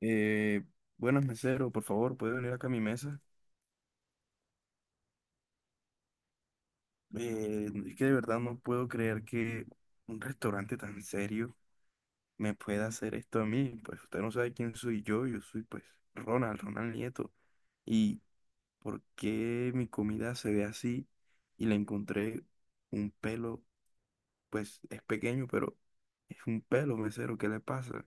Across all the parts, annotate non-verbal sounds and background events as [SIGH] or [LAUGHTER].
Eh, Buenas, mesero, por favor, ¿puede venir acá a mi mesa? Es que de verdad no puedo creer que un restaurante tan serio me pueda hacer esto a mí. Pues usted no sabe quién soy yo, yo soy pues Ronald Nieto. ¿Y por qué mi comida se ve así? Y le encontré un pelo, pues es pequeño, pero es un pelo, mesero, ¿qué le pasa?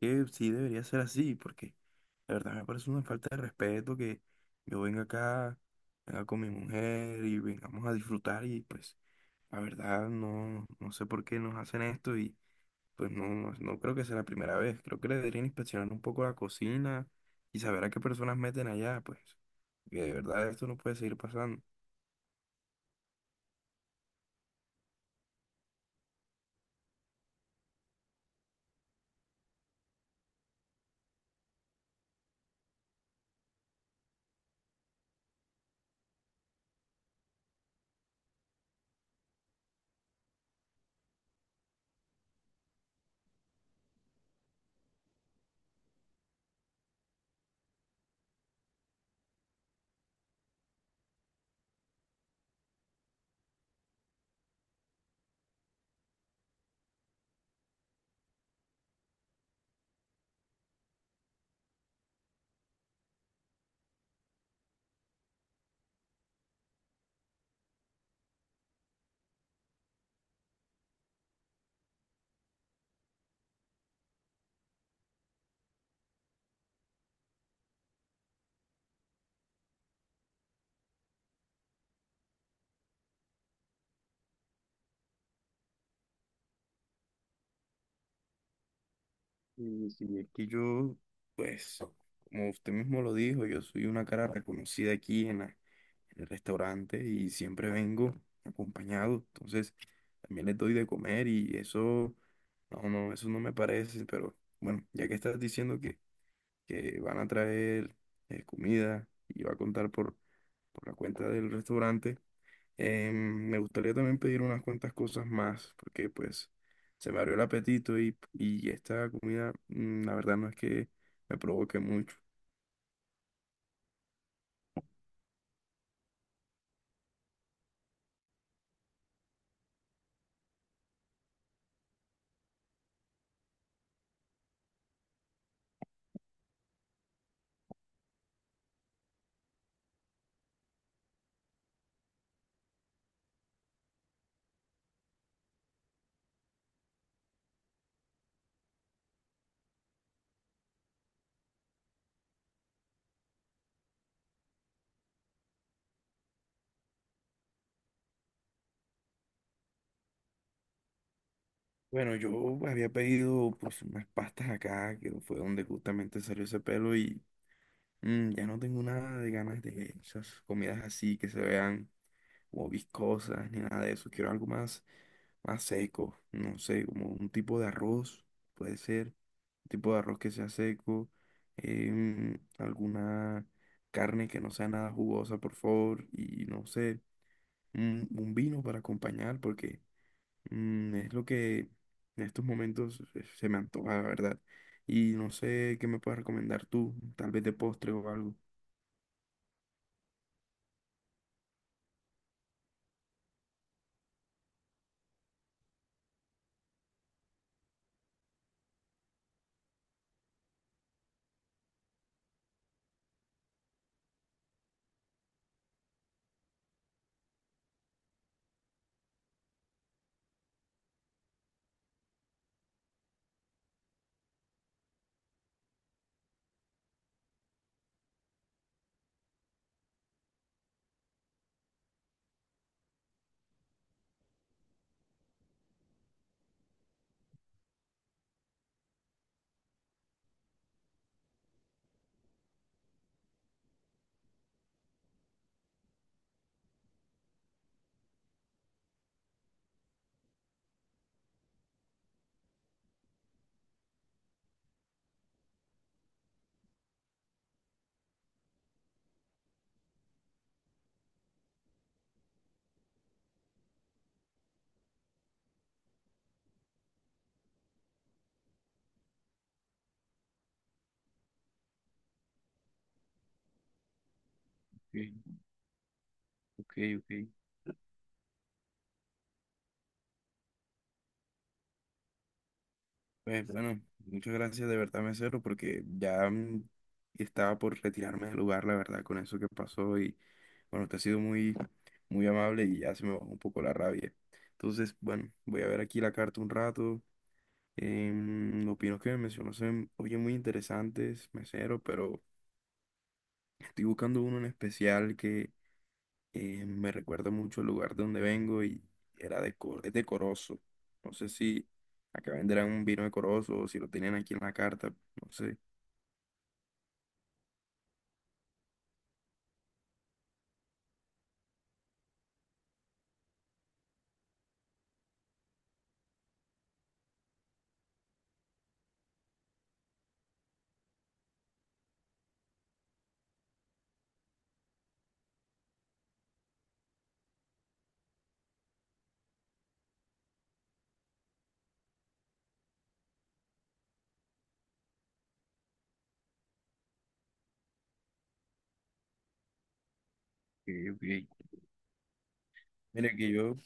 Que sí debería ser así, porque la verdad me parece una falta de respeto que yo venga acá, venga con mi mujer y vengamos a disfrutar, y pues la verdad no sé por qué nos hacen esto. Y pues no, no, no creo que sea la primera vez, creo que le deberían inspeccionar un poco la cocina y saber a qué personas meten allá, pues que de verdad esto no puede seguir pasando. Y si es que yo, pues, como usted mismo lo dijo, yo soy una cara reconocida aquí en la en el restaurante y siempre vengo acompañado. Entonces, también les doy de comer y eso, no, no, eso no me parece, pero bueno, ya que estás diciendo que van a traer comida y va a contar por la cuenta del restaurante, me gustaría también pedir unas cuantas cosas más, porque pues se me abrió el apetito y esta comida, la verdad no es que me provoque mucho. Bueno, yo había pedido pues unas pastas acá, que fue donde justamente salió ese pelo, y ya no tengo nada de ganas de esas comidas así que se vean como viscosas ni nada de eso. Quiero algo más, más seco, no sé, como un tipo de arroz, puede ser, un tipo de arroz que sea seco, alguna carne que no sea nada jugosa, por favor, y no sé, un vino para acompañar porque... Mm, es lo que en estos momentos se me antoja, la verdad. Y no sé qué me puedes recomendar tú, tal vez de postre o algo. Ok, ok, ok. Pues bueno, muchas gracias de verdad, mesero, porque ya, estaba por retirarme del lugar, la verdad, con eso que pasó. Y bueno, usted ha sido muy, muy amable y ya se me bajó un poco la rabia. Entonces, bueno, voy a ver aquí la carta un rato. Los pinos que me mencionó se oyen muy interesantes, mesero, pero... Estoy buscando uno en especial que me recuerda mucho al lugar de donde vengo, y era de, es de Corozo. No sé si acá venderán un vino de Corozo o si lo tienen aquí en la carta, no sé. Ok, ok. Mira que yo,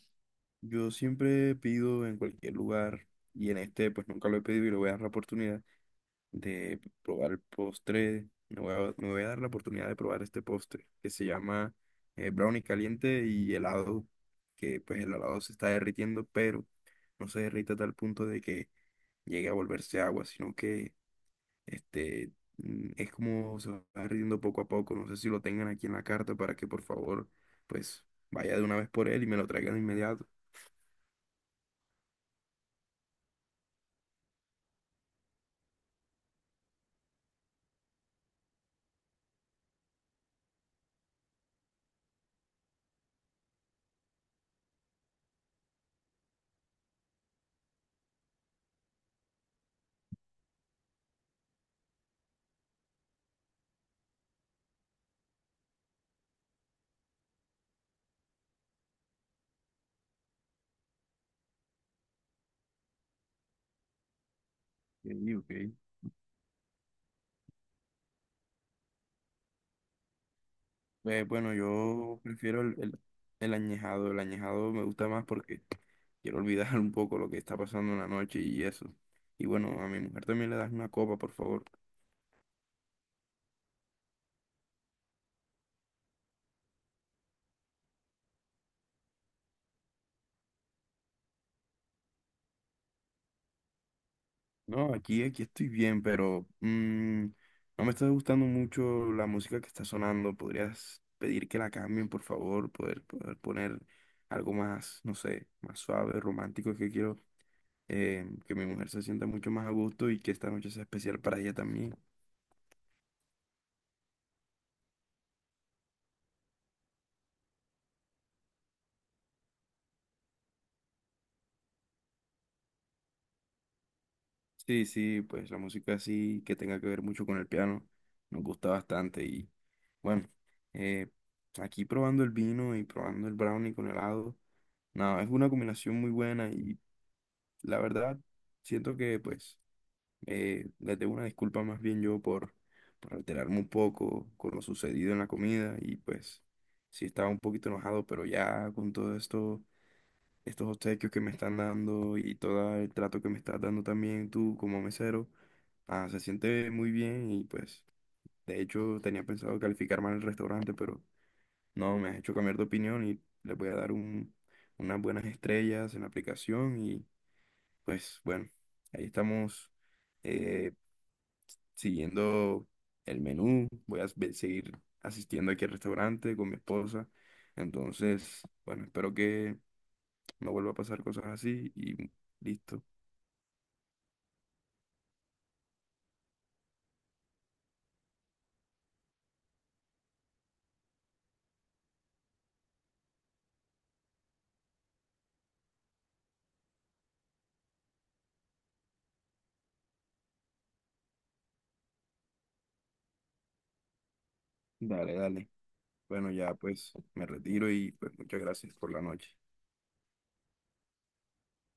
yo siempre pido en cualquier lugar y en este pues nunca lo he pedido y lo voy a dar la oportunidad de probar el postre. Me voy a dar la oportunidad de probar este postre que se llama brownie caliente y helado, que pues el helado se está derritiendo, pero no se derrite a tal punto de que llegue a volverse agua, sino que este, mm, es como se va derritiendo poco a poco. No sé si lo tengan aquí en la carta para que por favor pues vaya de una vez por él y me lo traigan de inmediato. Ok, ok. Bueno, yo prefiero el añejado. El añejado me gusta más porque quiero olvidar [LAUGHS] un poco lo que está pasando en la noche y eso. Y bueno, a mi mujer también le das una copa, por favor. No, aquí, aquí estoy bien, pero mm, no me está gustando mucho la música que está sonando. ¿Podrías pedir que la cambien, por favor? Poder poner algo más, no sé, más suave, romántico, es que quiero que mi mujer se sienta mucho más a gusto y que esta noche sea especial para ella también. Sí, sí, pues la música así que tenga que ver mucho con el piano, nos gusta bastante. Y bueno, eh, aquí probando el vino y probando el brownie con helado, nada, es una combinación muy buena, y la verdad siento que pues les debo una disculpa más bien yo por alterarme un poco con lo sucedido en la comida, y pues sí estaba un poquito enojado, pero ya con todo esto, estos obsequios que me están dando y todo el trato que me estás dando también tú como mesero, ah, se siente muy bien. Y pues de hecho tenía pensado calificar mal el restaurante, pero no, me has hecho cambiar de opinión y le voy a dar unas buenas estrellas en la aplicación. Y pues bueno, ahí estamos, eh, siguiendo el menú, voy a seguir asistiendo aquí al restaurante con mi esposa, entonces bueno, espero que no vuelva a pasar cosas así y listo. Dale, dale. Bueno, ya pues me retiro y pues muchas gracias por la noche.